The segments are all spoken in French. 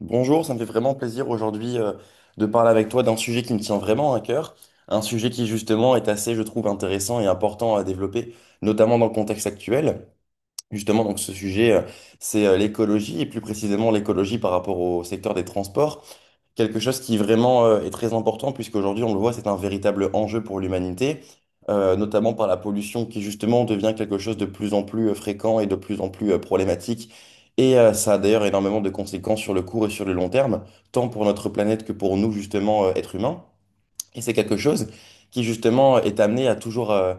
Bonjour, ça me fait vraiment plaisir aujourd'hui de parler avec toi d'un sujet qui me tient vraiment à cœur, un sujet qui justement est assez, je trouve, intéressant et important à développer, notamment dans le contexte actuel. Justement, donc ce sujet, c'est l'écologie, et plus précisément l'écologie par rapport au secteur des transports. Quelque chose qui vraiment est très important, puisqu'aujourd'hui, on le voit, c'est un véritable enjeu pour l'humanité, notamment par la pollution qui justement devient quelque chose de plus en plus fréquent et de plus en plus problématique. Et ça a d'ailleurs énormément de conséquences sur le court et sur le long terme, tant pour notre planète que pour nous, justement, êtres humains. Et c'est quelque chose qui, justement, est amené à toujours,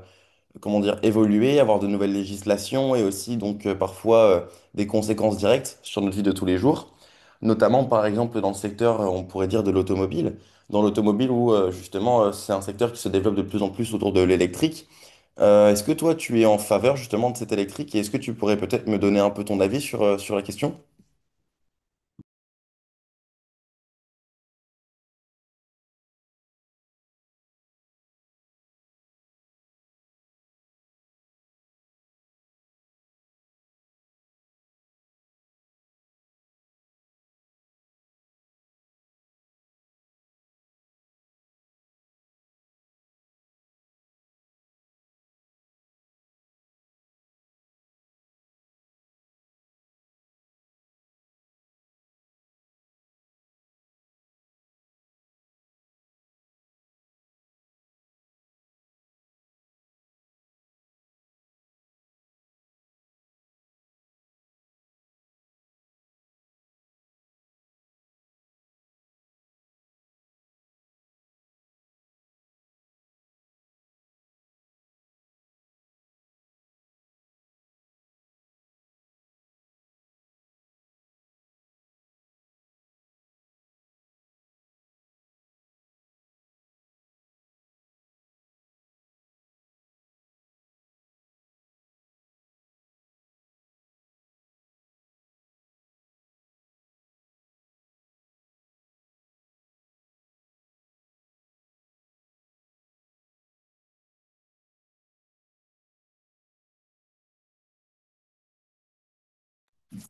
comment dire, évoluer, avoir de nouvelles législations et aussi donc parfois des conséquences directes sur notre vie de tous les jours. Notamment par exemple dans le secteur, on pourrait dire de l'automobile. Dans l'automobile où justement c'est un secteur qui se développe de plus en plus autour de l'électrique. Est-ce que toi tu es en faveur justement de cet électrique et est-ce que tu pourrais peut-être me donner un peu ton avis sur, sur la question?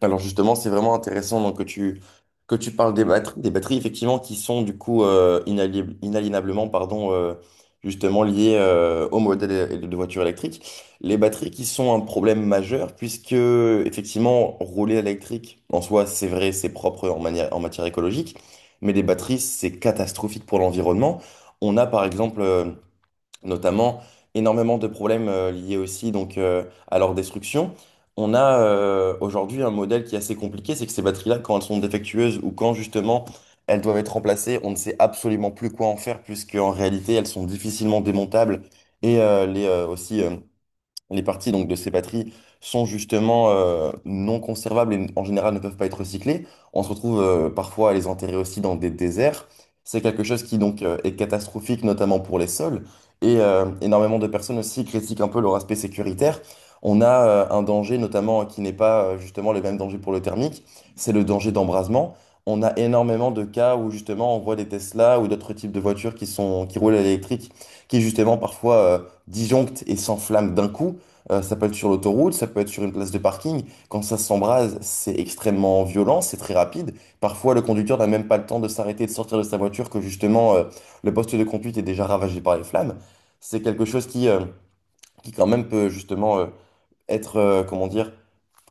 Alors justement, c'est vraiment intéressant donc, que tu parles des batteries effectivement qui sont du coup inaliénablement pardon, justement liées au modèle de voiture électrique. Les batteries qui sont un problème majeur puisque effectivement rouler électrique en soi c'est vrai, c'est propre en manière, en matière écologique, mais les batteries c'est catastrophique pour l'environnement. On a par exemple notamment énormément de problèmes liés aussi donc, à leur destruction. On a aujourd'hui un modèle qui est assez compliqué, c'est que ces batteries-là, quand elles sont défectueuses ou quand justement elles doivent être remplacées, on ne sait absolument plus quoi en faire puisqu'en réalité elles sont difficilement démontables et aussi les parties donc, de ces batteries sont justement non conservables et en général ne peuvent pas être recyclées. On se retrouve parfois à les enterrer aussi dans des déserts. C'est quelque chose qui donc est catastrophique, notamment pour les sols. Et énormément de personnes aussi critiquent un peu leur aspect sécuritaire. On a un danger notamment qui n'est pas justement le même danger pour le thermique, c'est le danger d'embrasement. On a énormément de cas où justement on voit des Tesla ou d'autres types de voitures qui sont, qui roulent à l'électrique, qui justement parfois disjonctent et s'enflamment d'un coup. Ça peut être sur l'autoroute, ça peut être sur une place de parking. Quand ça s'embrase, c'est extrêmement violent, c'est très rapide. Parfois, le conducteur n'a même pas le temps de s'arrêter et de sortir de sa voiture que justement, le poste de conduite est déjà ravagé par les flammes. C'est quelque chose qui quand même peut justement comment dire,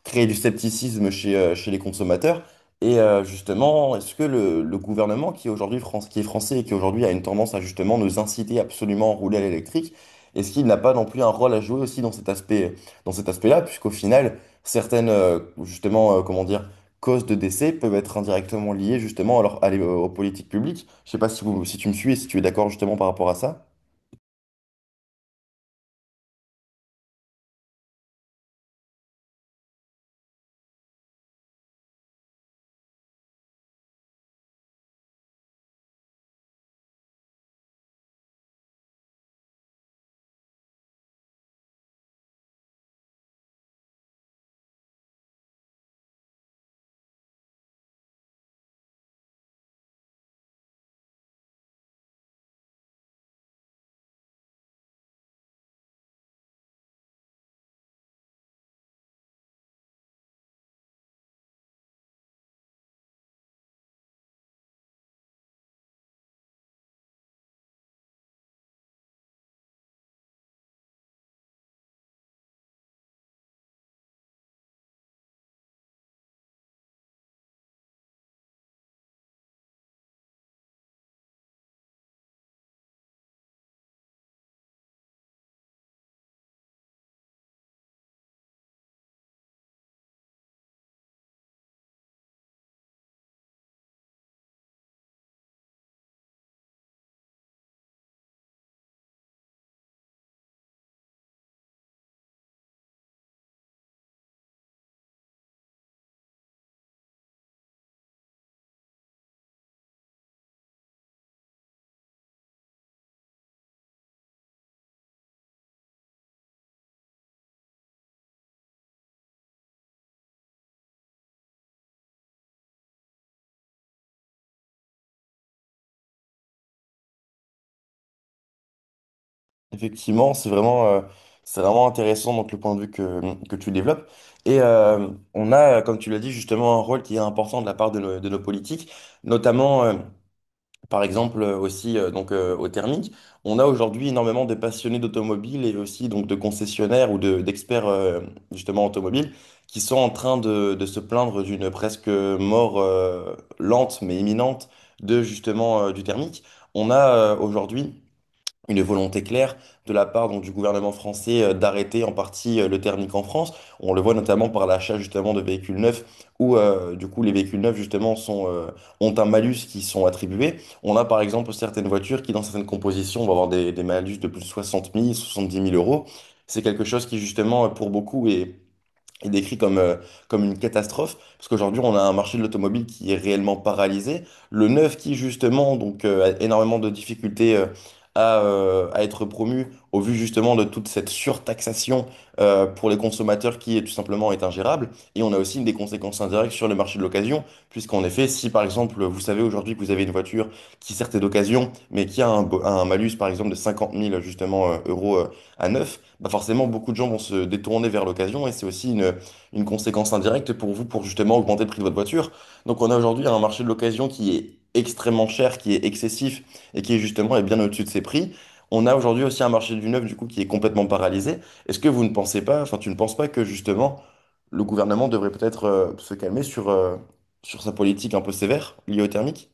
créer du scepticisme chez les consommateurs. Et justement, est-ce que le gouvernement qui est aujourd'hui France, qui est français et qui aujourd'hui a une tendance à justement nous inciter absolument à rouler à l'électrique, est-ce qu'il n'a pas non plus un rôle à jouer aussi dans cet aspect, dans cet aspect-là, puisqu'au final, certaines, justement, comment dire, causes de décès peuvent être indirectement liées justement alors, aux politiques publiques. Je sais pas si, si tu me suis et si tu es d'accord justement par rapport à ça. Effectivement, c'est c'est vraiment intéressant donc le point de vue que tu développes. Et on a, comme tu l'as dit, justement un rôle qui est important de la part de nos politiques, notamment par exemple aussi donc au thermique. On a aujourd'hui énormément de passionnés d'automobile et aussi donc de concessionnaires ou d'experts justement automobiles qui sont en train de se plaindre d'une presque mort lente mais imminente de justement du thermique. On a aujourd'hui une volonté claire de la part donc, du gouvernement français d'arrêter en partie le thermique en France. On le voit notamment par l'achat justement de véhicules neufs où du coup les véhicules neufs justement ont un malus qui sont attribués. On a par exemple certaines voitures qui dans certaines compositions vont avoir des malus de plus de 60 000, 70 000 euros. C'est quelque chose qui justement pour beaucoup est décrit comme une catastrophe, parce qu'aujourd'hui, on a un marché de l'automobile qui est réellement paralysé. Le neuf qui, justement, a énormément de difficultés à être promu, au vu justement de toute cette surtaxation pour les consommateurs qui, tout simplement, est ingérable. Et on a aussi des conséquences indirectes sur le marché de l'occasion, puisqu'en effet, si, par exemple, vous savez aujourd'hui que vous avez une voiture qui, certes, est d'occasion, mais qui a un malus, par exemple, de 50 000, justement, euros à neuf, bah forcément, beaucoup de gens vont se détourner vers l'occasion, et c'est aussi une conséquence indirecte pour vous pour justement augmenter le prix de votre voiture. Donc on a aujourd'hui un marché de l'occasion qui est extrêmement cher, qui est excessif et qui est justement est bien au-dessus de ses prix. On a aujourd'hui aussi un marché du neuf du coup qui est complètement paralysé. Est-ce que vous ne pensez pas, enfin tu ne penses pas que justement le gouvernement devrait peut-être se calmer sur sa politique un peu sévère liée au thermique?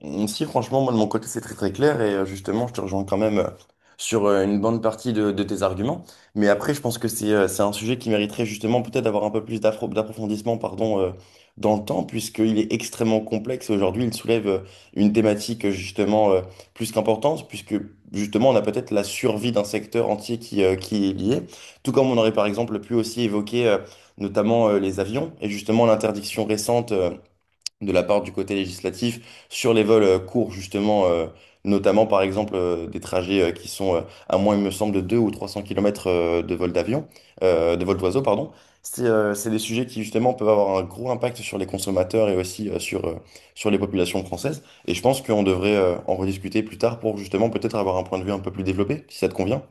Mm, si, franchement, moi de mon côté, c'est très très clair et justement, je te rejoins quand même sur une bonne partie de tes arguments. Mais après, je pense que c'est un sujet qui mériterait justement peut-être d'avoir un peu plus d'approfondissement pardon, dans le temps, puisqu'il est extrêmement complexe. Aujourd'hui, il soulève une thématique justement plus qu'importante, puisque justement, on a peut-être la survie d'un secteur entier qui est lié. Tout comme on aurait par exemple pu aussi évoquer notamment les avions et justement l'interdiction récente. De la part du côté législatif sur les vols courts, justement, notamment par exemple des trajets qui sont à moins, il me semble, de 2 ou 300 km de vol d'avion, de vol d'oiseau, pardon. C'est des sujets qui, justement, peuvent avoir un gros impact sur les consommateurs et aussi sur les populations françaises. Et je pense qu'on devrait en rediscuter plus tard pour, justement, peut-être avoir un point de vue un peu plus développé, si ça te convient.